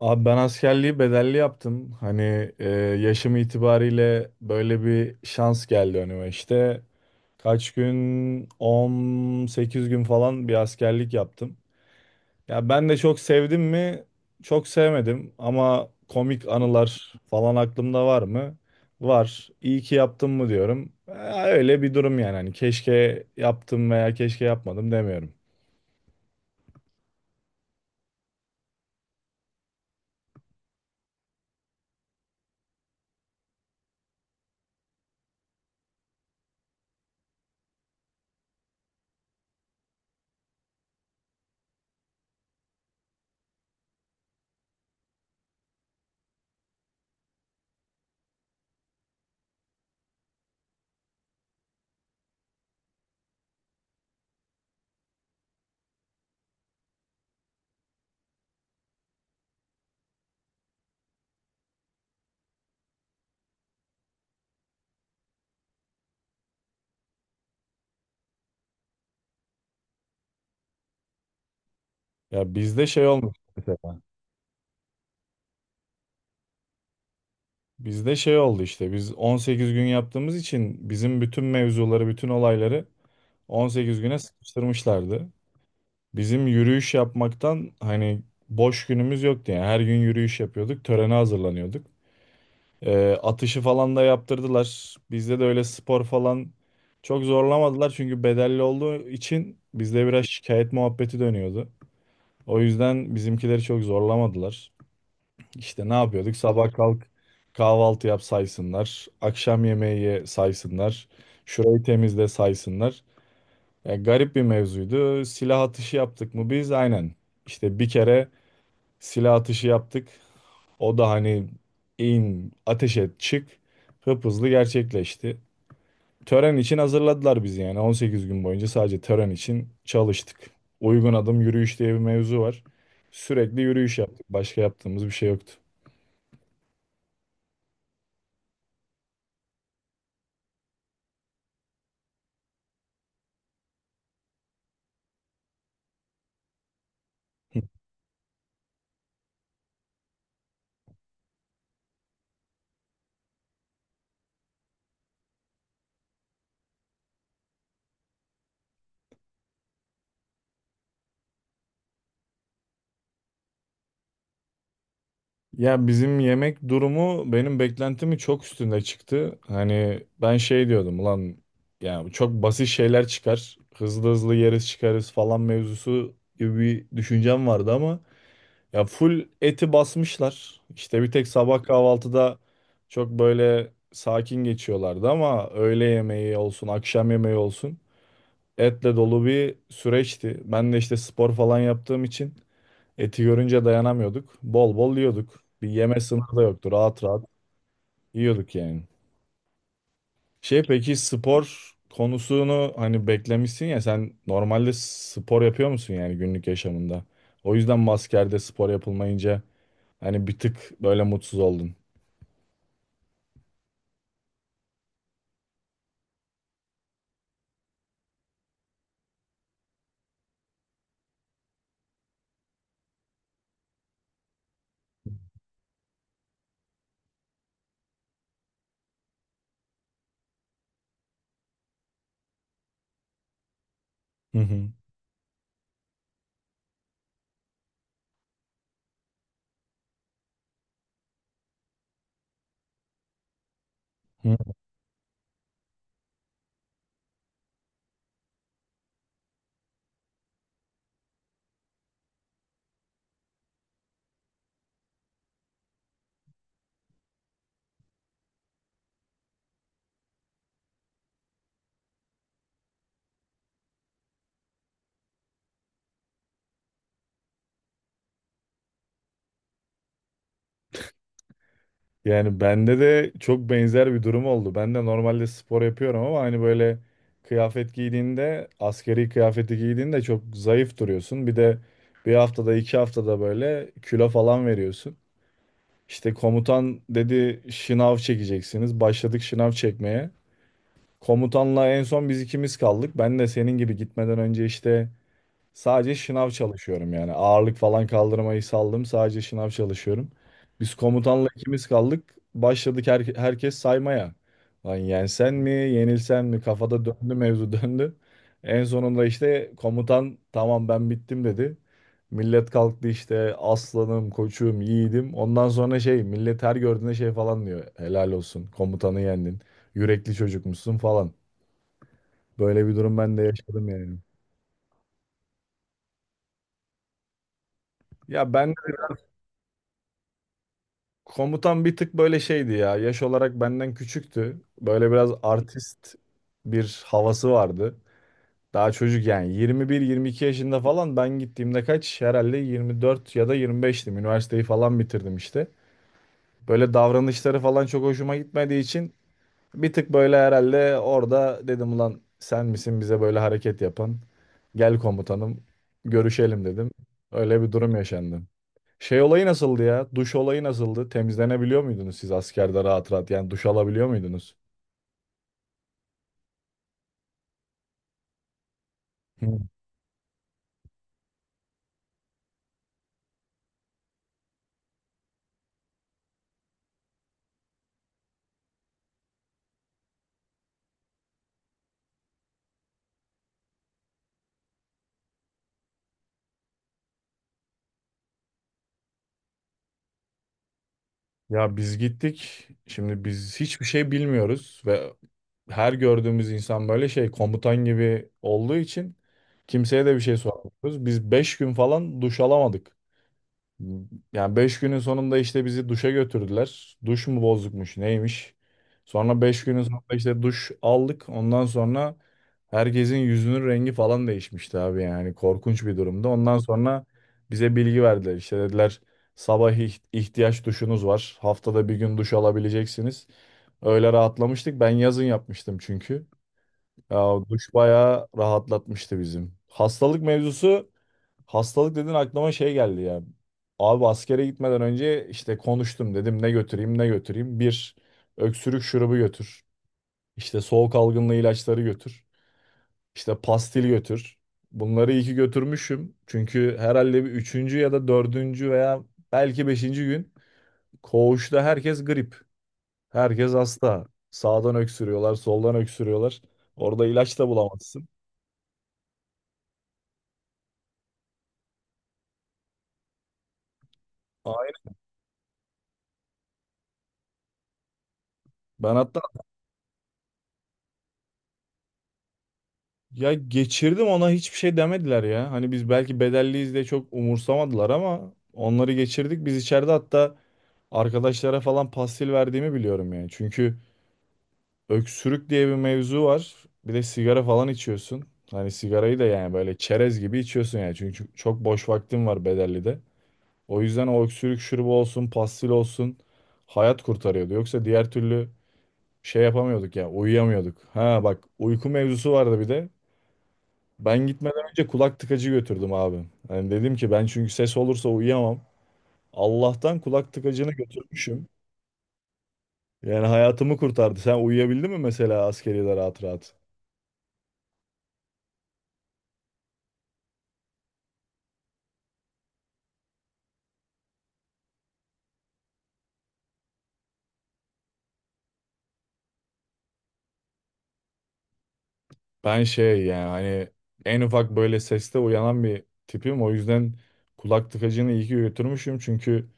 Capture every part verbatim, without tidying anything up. Abi ben askerliği bedelli yaptım. Hani e, yaşım itibariyle böyle bir şans geldi önüme. İşte kaç gün on sekiz gün falan bir askerlik yaptım. Ya ben de çok sevdim mi? Çok sevmedim ama komik anılar falan aklımda var mı? Var. İyi ki yaptım mı diyorum. E, öyle bir durum yani. Hani keşke yaptım veya keşke yapmadım demiyorum. Ya bizde şey olmuş mesela. Bizde şey oldu işte. Biz on sekiz gün yaptığımız için bizim bütün mevzuları, bütün olayları on sekiz güne sıkıştırmışlardı. Bizim yürüyüş yapmaktan hani boş günümüz yoktu yani. Her gün yürüyüş yapıyorduk, törene hazırlanıyorduk. E, atışı falan da yaptırdılar. Bizde de öyle spor falan çok zorlamadılar çünkü bedelli olduğu için bizde biraz şikayet muhabbeti dönüyordu. O yüzden bizimkileri çok zorlamadılar. İşte ne yapıyorduk? Sabah kalk, kahvaltı yap saysınlar. Akşam yemeği ye saysınlar. Şurayı temizle saysınlar. Yani garip bir mevzuydu. Silah atışı yaptık mı biz? Aynen. İşte bir kere silah atışı yaptık. O da hani in, ateş et, çık, hıp hızlı gerçekleşti. Tören için hazırladılar bizi yani on sekiz gün boyunca sadece tören için çalıştık. Uygun adım yürüyüş diye bir mevzu var. Sürekli yürüyüş yaptık. Başka yaptığımız bir şey yoktu. Ya bizim yemek durumu benim beklentimi çok üstünde çıktı. Hani ben şey diyordum, ulan yani çok basit şeyler çıkar. Hızlı hızlı yeriz çıkarız falan mevzusu gibi bir düşüncem vardı ama ya full eti basmışlar. İşte bir tek sabah kahvaltıda çok böyle sakin geçiyorlardı ama öğle yemeği olsun, akşam yemeği olsun etle dolu bir süreçti. Ben de işte spor falan yaptığım için eti görünce dayanamıyorduk. Bol bol yiyorduk. Bir yeme sınırı da yoktu. Rahat rahat yiyorduk yani. Şey, peki spor konusunu hani beklemişsin ya, sen normalde spor yapıyor musun yani günlük yaşamında? O yüzden mi askerde spor yapılmayınca hani bir tık böyle mutsuz oldun. Hı hı. Hı. Yani bende de çok benzer bir durum oldu. Ben de normalde spor yapıyorum ama hani böyle kıyafet giydiğinde, askeri kıyafeti giydiğinde çok zayıf duruyorsun. Bir de bir haftada, iki haftada böyle kilo falan veriyorsun. İşte komutan dedi şınav çekeceksiniz. Başladık şınav çekmeye. Komutanla en son biz ikimiz kaldık. Ben de senin gibi gitmeden önce işte sadece şınav çalışıyorum yani. Ağırlık falan kaldırmayı saldım. Sadece şınav çalışıyorum. Biz komutanla ikimiz kaldık. Başladık her- herkes saymaya. Lan yensen mi, yenilsen mi? Kafada döndü mevzu döndü. En sonunda işte komutan tamam ben bittim dedi. Millet kalktı işte aslanım, koçum, yiğidim. Ondan sonra şey, millet her gördüğünde şey falan diyor. Helal olsun, komutanı yendin. Yürekli çocukmuşsun falan. Böyle bir durum ben de yaşadım yani. Ya ben Komutan bir tık böyle şeydi ya. Yaş olarak benden küçüktü. Böyle biraz artist bir havası vardı. Daha çocuk yani yirmi bir yirmi iki yaşında falan ben gittiğimde kaç? Herhalde yirmi dört ya da yirmi beştim. Üniversiteyi falan bitirdim işte. Böyle davranışları falan çok hoşuma gitmediği için bir tık böyle herhalde orada dedim ulan sen misin bize böyle hareket yapan? Gel komutanım, görüşelim dedim. Öyle bir durum yaşandı. Şey olayı nasıldı ya? Duş olayı nasıldı? Temizlenebiliyor muydunuz siz askerde rahat rahat? Yani duş alabiliyor muydunuz? Hı. Ya biz gittik. Şimdi biz hiçbir şey bilmiyoruz ve her gördüğümüz insan böyle şey, komutan gibi olduğu için kimseye de bir şey sormuyoruz. Biz beş gün falan duş alamadık. Yani beş günün sonunda işte bizi duşa götürdüler. Duş mu bozukmuş, neymiş. Sonra beş günün sonunda işte duş aldık. Ondan sonra herkesin yüzünün rengi falan değişmişti abi, yani korkunç bir durumda. Ondan sonra bize bilgi verdiler. İşte dediler sabah ih- ihtiyaç duşunuz var. Haftada bir gün duş alabileceksiniz. Öyle rahatlamıştık. Ben yazın yapmıştım çünkü. Ya o duş bayağı rahatlatmıştı bizim. Hastalık mevzusu, hastalık dedin aklıma şey geldi ya. Abi askere gitmeden önce işte konuştum dedim ne götüreyim, ne götüreyim. Bir öksürük şurubu götür. İşte soğuk algınlığı ilaçları götür. İşte pastil götür. Bunları iyi ki götürmüşüm. Çünkü herhalde bir üçüncü ya da dördüncü veya belki beşinci gün koğuşta herkes grip. Herkes hasta. Sağdan öksürüyorlar, soldan öksürüyorlar. Orada ilaç da bulamazsın. Ben hatta, ya geçirdim ona hiçbir şey demediler ya. Hani biz belki bedelliyiz diye çok umursamadılar ama onları geçirdik. Biz içeride hatta arkadaşlara falan pastil verdiğimi biliyorum yani. Çünkü öksürük diye bir mevzu var. Bir de sigara falan içiyorsun. Hani sigarayı da yani böyle çerez gibi içiyorsun yani. Çünkü çok boş vaktim var bedellide. O yüzden o öksürük şurubu olsun, pastil olsun, hayat kurtarıyordu. Yoksa diğer türlü şey yapamıyorduk ya, uyuyamıyorduk. Ha bak, uyku mevzusu vardı bir de. Ben gitmeden önce kulak tıkacı götürdüm abi. Yani dedim ki ben çünkü ses olursa uyuyamam. Allah'tan kulak tıkacını götürmüşüm. Yani hayatımı kurtardı. Sen uyuyabildin mi mesela askeriyede rahat rahat? Ben şey yani hani en ufak böyle seste uyanan bir tipim. O yüzden kulak tıkacını iyi ki götürmüşüm. Çünkü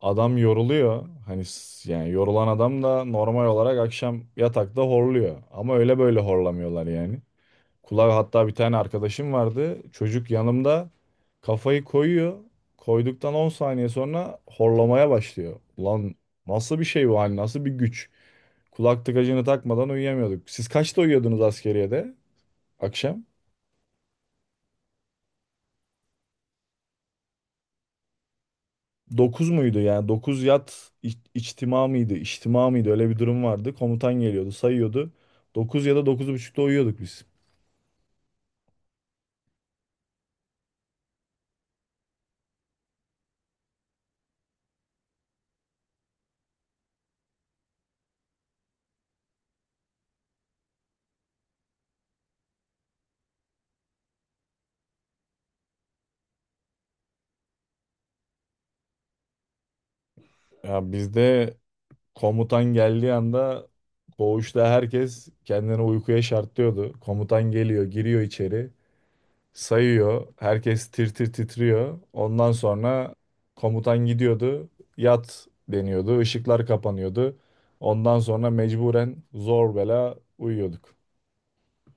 adam yoruluyor. Hani s- yani yorulan adam da normal olarak akşam yatakta horluyor. Ama öyle böyle horlamıyorlar yani. Kulağı hatta bir tane arkadaşım vardı. Çocuk yanımda kafayı koyuyor. Koyduktan on saniye sonra horlamaya başlıyor. Ulan nasıl bir şey bu, hani nasıl bir güç? Kulak tıkacını takmadan uyuyamıyorduk. Siz kaçta uyuyordunuz askeriyede akşam? Dokuz muydu yani? Dokuz yat, iç- içtima mıydı? İçtima mıydı? Öyle bir durum vardı. Komutan geliyordu, sayıyordu. Dokuz ya da dokuz buçukta uyuyorduk biz. Ya bizde komutan geldiği anda koğuşta herkes kendini uykuya şartlıyordu. Komutan geliyor, giriyor içeri, sayıyor. Herkes tir tir titriyor. Ondan sonra komutan gidiyordu, yat deniyordu, ışıklar kapanıyordu. Ondan sonra mecburen zor bela uyuyorduk.